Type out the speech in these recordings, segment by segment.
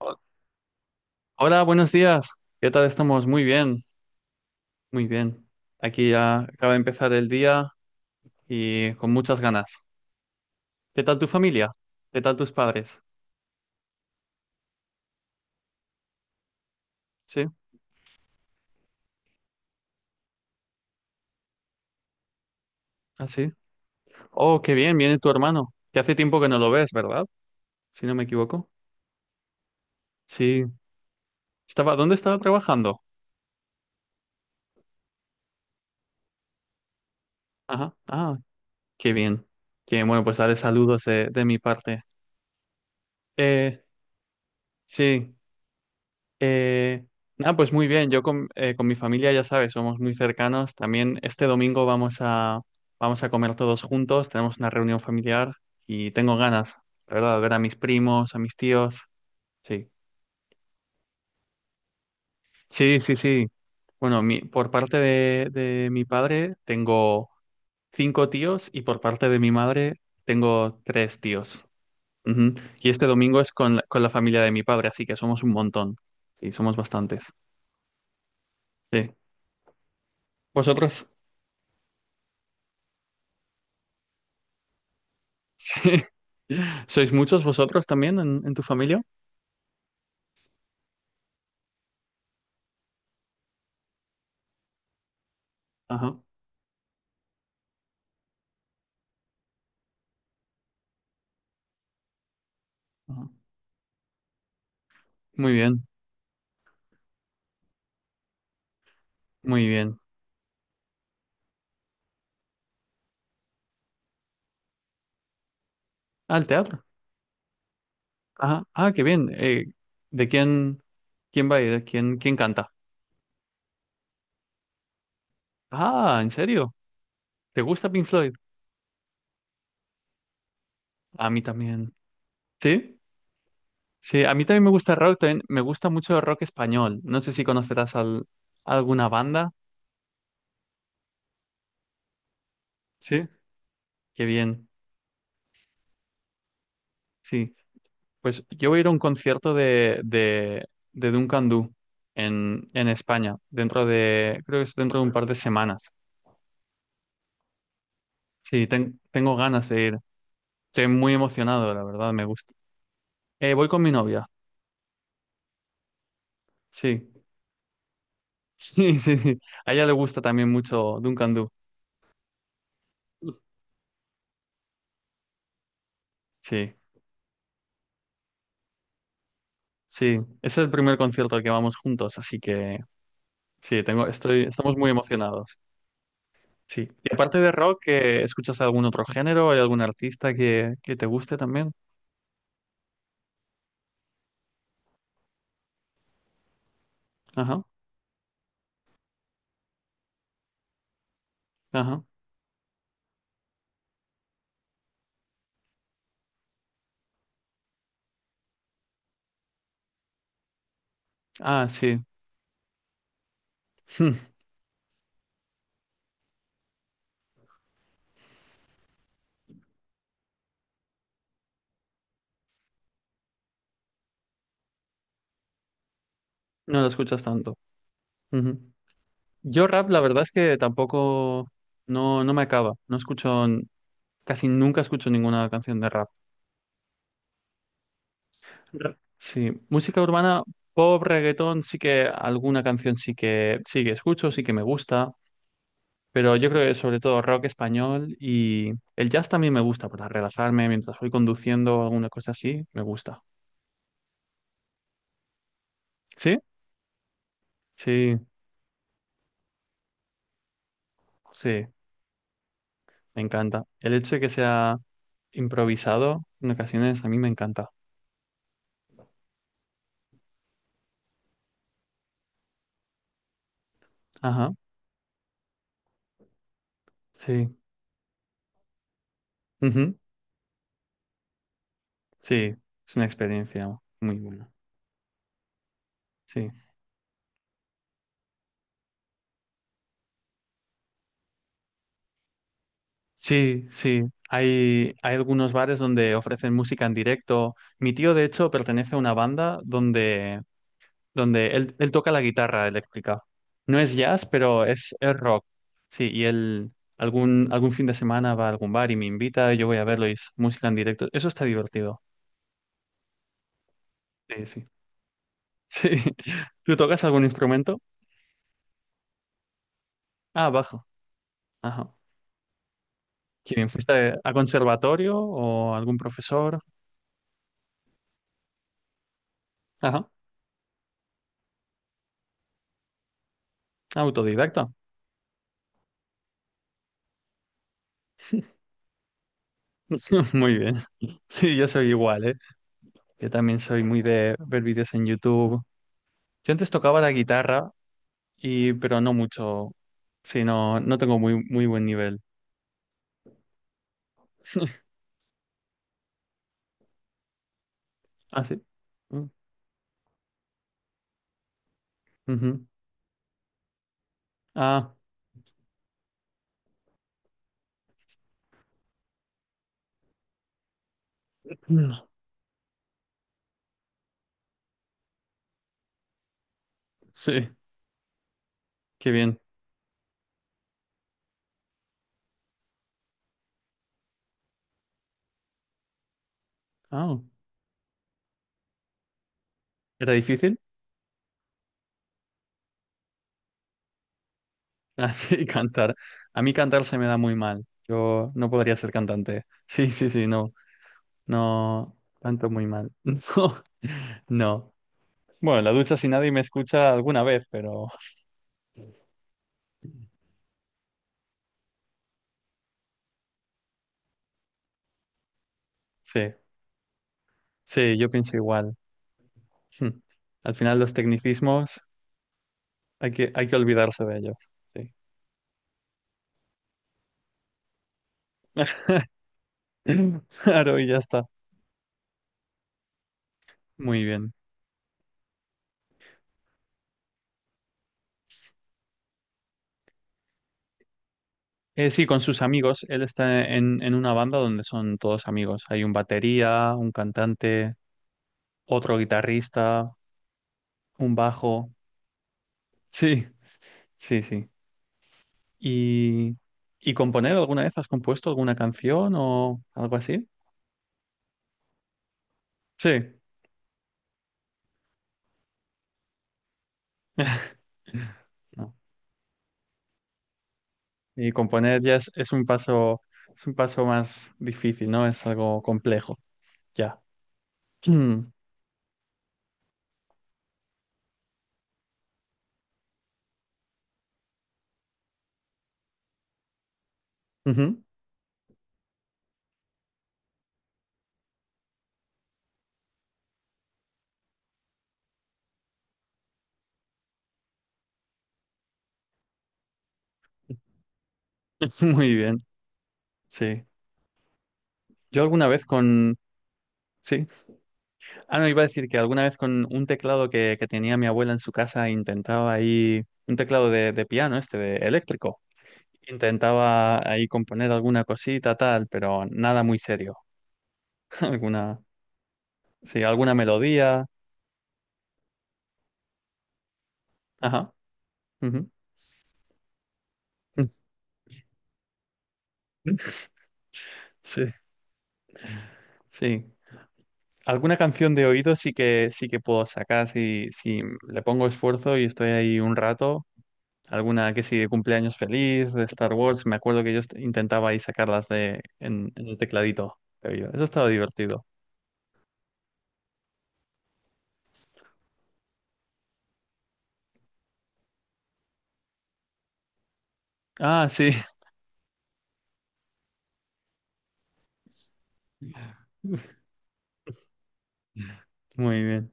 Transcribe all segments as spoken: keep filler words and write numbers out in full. Ho- Hola, buenos días. ¿Qué tal estamos? Muy bien, muy bien. Aquí ya acaba de empezar el día y con muchas ganas. ¿Qué tal tu familia? ¿Qué tal tus padres? Sí, así. Oh, qué bien, viene tu hermano. Que hace tiempo que no lo ves, ¿verdad? Si no me equivoco. Sí. Estaba, ¿dónde estaba trabajando? Ajá. Ah, qué bien. Qué bueno, pues daré saludos de, de mi parte. Eh, sí. Eh, nada, pues muy bien. Yo con, eh, con mi familia, ya sabes, somos muy cercanos. También este domingo vamos a, vamos a comer todos juntos. Tenemos una reunión familiar y tengo ganas, la verdad, de ver a mis primos, a mis tíos. Sí, sí, sí, sí. Bueno, mi- por parte de, de mi padre tengo cinco tíos y por parte de mi madre tengo tres tíos. Ujú. Y este domingo es con, la- con la familia de mi padre, así que somos un montón. Sí, somos bastantes. Sí. ¿Vosotros? Sí. ¿Sois muchos vosotros también en, en tu familia? Ajá, ajá. Muy bien, muy bien. Ah, al teatro. Ajá. Ah, qué bien. Eh, ¿de quién, quién va a ir? ¿Quién, quién canta? Ah, ¿en serio? ¿Te gusta Pink Floyd? A mí también. ¿Sí? Sí, a mí también me gusta rock, también me gusta mucho el rock español. No sé si conocerás al- alguna banda. Sí. Qué bien. Sí. Pues yo voy a ir a un concierto de, de, de Duncan Du en, en España, dentro de, creo que es dentro de un par de semanas. Sí, ten- tengo ganas de ir. Estoy muy emocionado, la verdad, me gusta. Eh, voy con mi novia, sí. Sí, sí, sí. A ella le gusta también mucho Duncan Du. Sí, sí. Es el primer concierto al que vamos juntos, así que sí, tengo, estoy, estamos muy emocionados. Sí. Y aparte de rock, ¿eh, ¿escuchas algún otro género? ¿Hay algún artista que, que te guste también? Ajá, ajá. Ah, sí. Hmm. No lo escuchas tanto. Ujú. Yo rap, la verdad es que tampoco, no, no me acaba. No escucho, casi nunca escucho ninguna canción de rap. Ra- Sí, música urbana, pop, reggaetón, sí que alguna canción sí que, sí que escucho, sí que me gusta. Pero yo creo que sobre todo rock español y el jazz también me gusta para relajarme mientras voy conduciendo, alguna cosa así, me gusta. ¿Sí? Sí, sí. Me encanta. El hecho de que sea improvisado en ocasiones a mí me encanta. Ajá, sí. Ujú. Sí, es una experiencia muy buena. Sí, sí, sí. Hay, hay algunos bares donde ofrecen música en directo. Mi tío, de hecho, pertenece a una banda donde, donde él, él toca la guitarra eléctrica. No es jazz, pero es, es rock. Sí, y él algún, algún fin de semana va a algún bar y me invita, y yo voy a verlo y es música en directo. Eso está divertido. Sí, sí. Sí. ¿Tú tocas algún instrumento? Ah, bajo. Ajá. ¿Qué bien? ¿Fuiste a conservatorio o algún profesor? Ajá. Autodidacta. Muy bien. Sí, yo soy igual, ¿eh? Yo también soy muy de ver vídeos en YouTube. Yo antes tocaba la guitarra y pero no mucho. Sí, no, no tengo muy, muy buen nivel. Ah, sí. Mm, ujú. Ah, mm, sí, qué bien. Ah, ¿era difícil? Así cantar. A mí cantar se me da muy mal. Yo no podría ser cantante. Sí, sí, sí, no. No, canto muy mal. No, no. Bueno, en la ducha si nadie me escucha alguna vez, pero sí, sí, yo pienso igual. Hmm. Al final los tecnicismos hay que, hay que olvidarse de ellos. Sí. Claro, y ya está. Muy bien. Eh, sí, con sus amigos. Él está en, en una banda donde son todos amigos. Hay un batería, un cantante, otro guitarrista. Un bajo. Sí, sí, sí. ¿Y, y componer alguna vez? ¿Has compuesto alguna canción o algo así? Sí. No. Y componer ya es, es un paso, es un paso más difícil, ¿no? Es algo complejo, ya. Mm. Ujú. Muy bien, sí. Yo alguna vez con... Sí. Ah, no, iba a decir que alguna vez con un teclado que, que tenía mi abuela en su casa intentaba ahí... Un teclado de, de piano, este, de eléctrico. Intentaba ahí componer alguna cosita, tal, pero nada muy serio. Alguna, sí, alguna melodía. Ajá. Ujú. Sí, sí. Alguna canción de oído sí que sí que puedo sacar si, si le pongo esfuerzo y estoy ahí un rato. Alguna que sí de cumpleaños feliz, de Star Wars. Me acuerdo que yo est- intentaba ahí sacarlas de en, en el tecladito de oído. Eso estaba divertido. Ah, sí. Muy bien.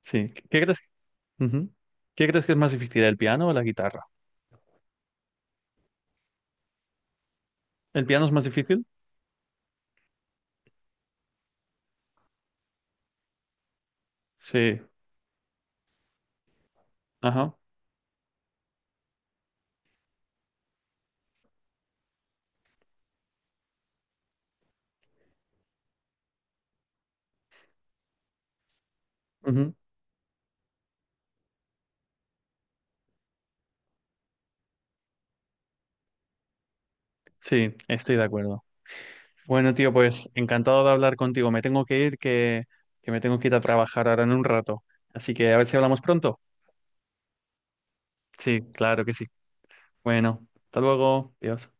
Sí. ¿Qué crees Ujú. ¿Qué crees que es más difícil, el piano o la guitarra? ¿El piano es más difícil? Sí, ajá. Ujú. Sí, estoy de acuerdo. Bueno, tío, pues encantado de hablar contigo. Me tengo que ir, que, que me tengo que ir a trabajar ahora en un rato. Así que a ver si hablamos pronto. Sí, claro que sí. Bueno, hasta luego. Adiós.